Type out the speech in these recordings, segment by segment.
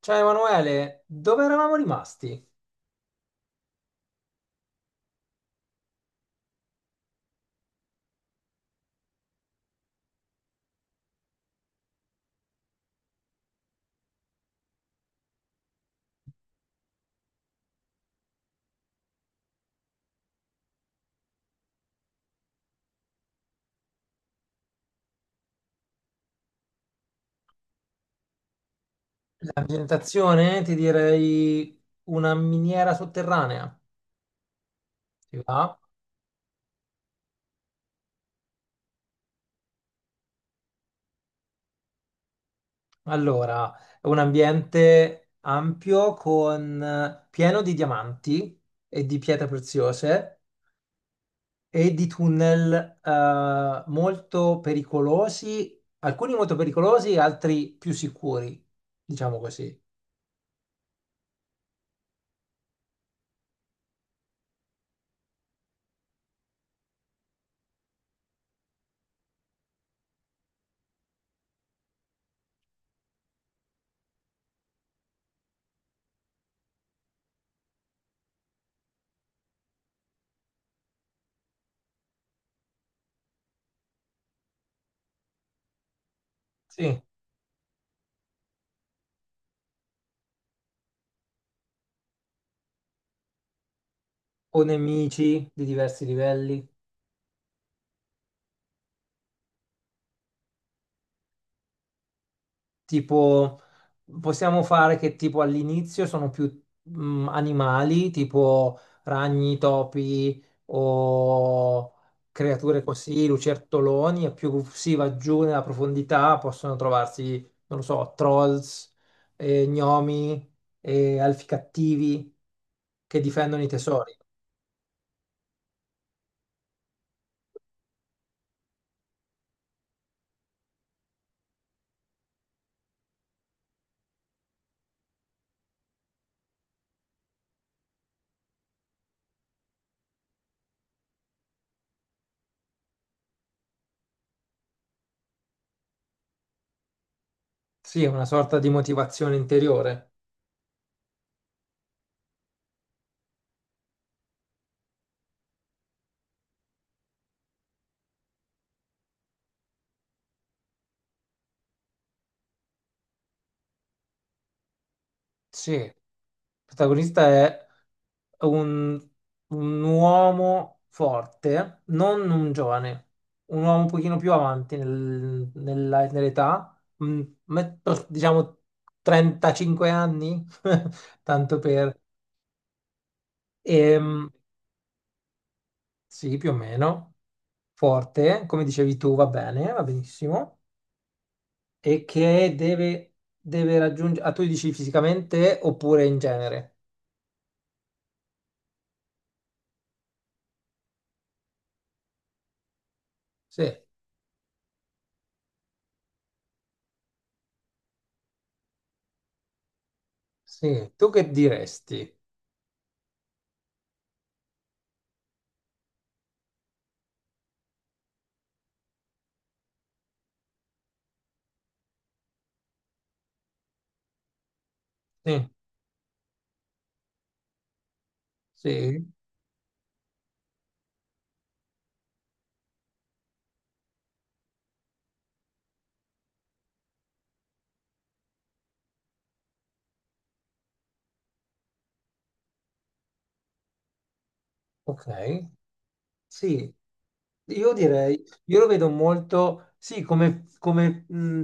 Ciao Emanuele, dove eravamo rimasti? La presentazione, ti direi una miniera sotterranea. Ti va? Allora, è un ambiente ampio con pieno di diamanti e di pietre preziose e di tunnel molto pericolosi, alcuni molto pericolosi, altri più sicuri, diciamo così. Sì, o nemici di diversi livelli. Tipo, possiamo fare che tipo all'inizio sono più animali, tipo ragni, topi o creature così, lucertoloni, e più si va giù nella profondità possono trovarsi, non lo so, trolls, gnomi, alfi cattivi che difendono i tesori. Sì, è una sorta di motivazione interiore. Sì, il protagonista è un, un uomo forte, non un giovane, un uomo un pochino più avanti nell'età, diciamo 35 anni, tanto per... Ehm, sì, più o meno, forte, come dicevi tu, va bene, va benissimo, e che deve, deve raggiungere... Ah, tu dici fisicamente oppure in genere? Sì. Sì, tu che diresti? Sì, sì, ok. Sì, io direi, io lo vedo molto, sì, come, come, mh,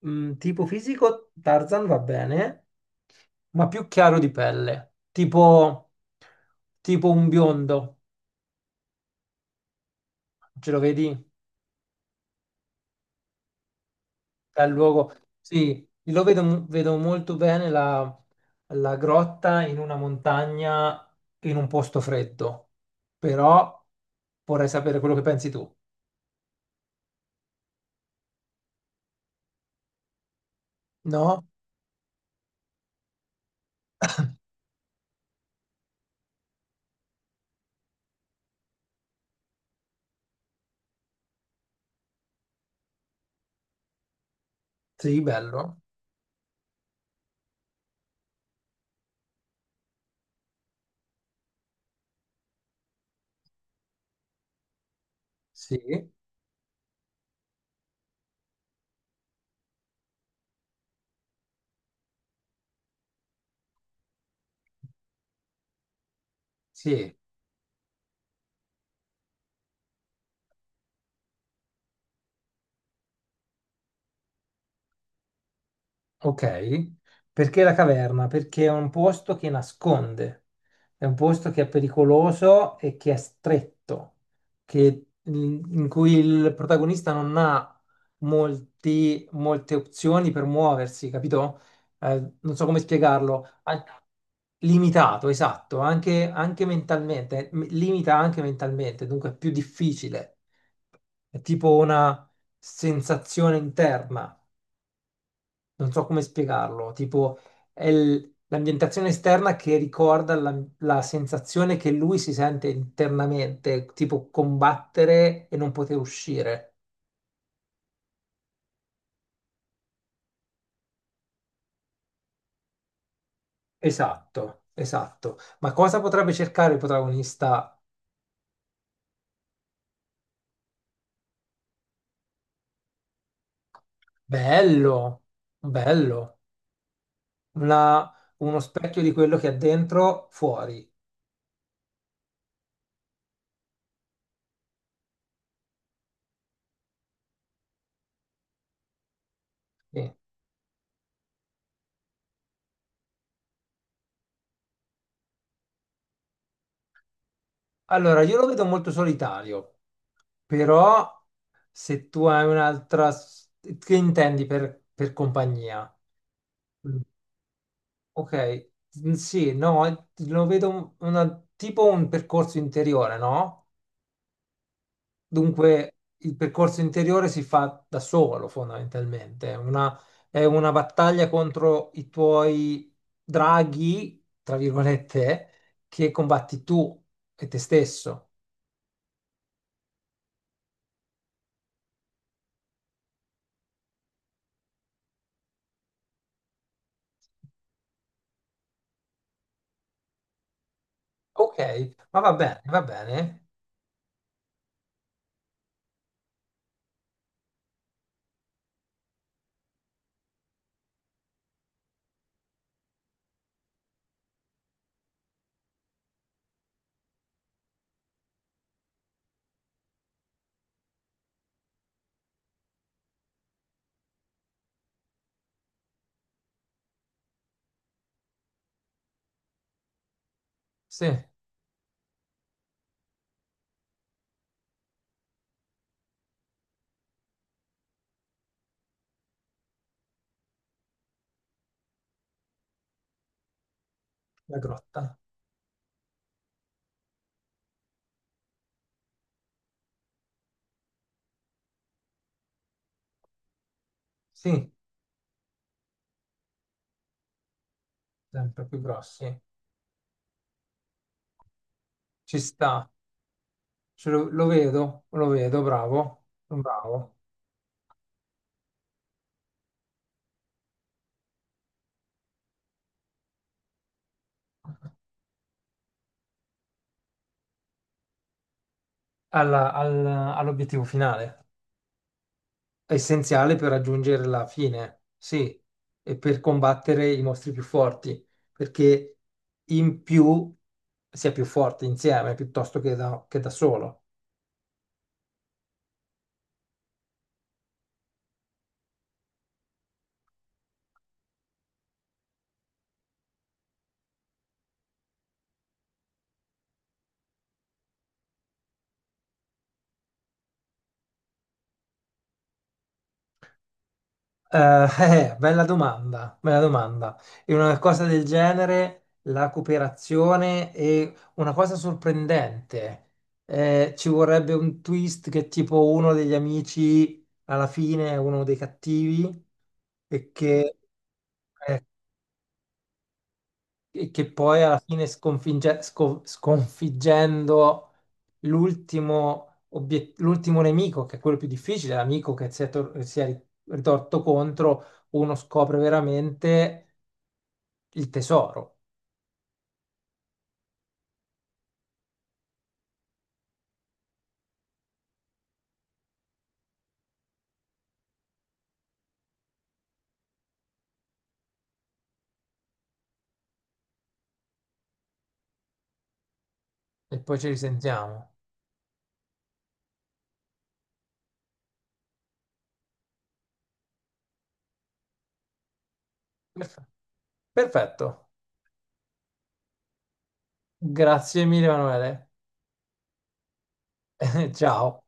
mh, tipo fisico Tarzan va bene, ma più chiaro di pelle, tipo, tipo un biondo, ce lo vedi? Bel luogo, sì, lo vedo, vedo molto bene la grotta in una montagna in un posto freddo, però vorrei sapere quello che pensi tu. No? Sì, bello. Sì, sì. Ok, perché la caverna? Perché è un posto che nasconde, è un posto che è pericoloso e che è stretto, che- in cui il protagonista non ha molte opzioni per muoversi, capito? Non so come spiegarlo. An- Limitato, esatto, anche, anche mentalmente, limita anche mentalmente, dunque è più difficile. È tipo una sensazione interna, non so come spiegarlo, tipo è l'ambientazione esterna che ricorda la sensazione che lui si sente internamente, tipo combattere e non poter uscire. Esatto, esatto. Ma cosa potrebbe cercare il protagonista? Bello, bello. Una- Uno specchio di quello che ha dentro fuori. Sì. Allora, io lo vedo molto solitario, però se tu hai un'altra... s- Che intendi per compagnia? Mm. Ok. Sì, no, lo vedo tipo un percorso interiore, no? Dunque, il percorso interiore si fa da solo, fondamentalmente. È una battaglia contro i tuoi draghi, tra virgolette, che combatti tu e te stesso. Ok, ma va bene, va bene. Sì, la grotta. Sì, sempre più grossi. Ci sta. Ce lo vedo, bravo, bravo. Alla- al- all'obiettivo finale, è essenziale per raggiungere la fine, sì, e per combattere i mostri più forti, perché in più si è più forti insieme piuttosto che che da solo. Bella domanda, bella domanda. In una cosa del genere, la cooperazione è una cosa sorprendente. Ci vorrebbe un twist che tipo uno degli amici alla fine è uno dei cattivi e che, eh, e che poi alla fine sconfiggendo l'ultimo nemico, che è quello più difficile, l'amico che si è ritorto contro, uno scopre veramente il tesoro. E poi ci risentiamo. Perf- Perfetto. Grazie mille, Emanuele. Ciao.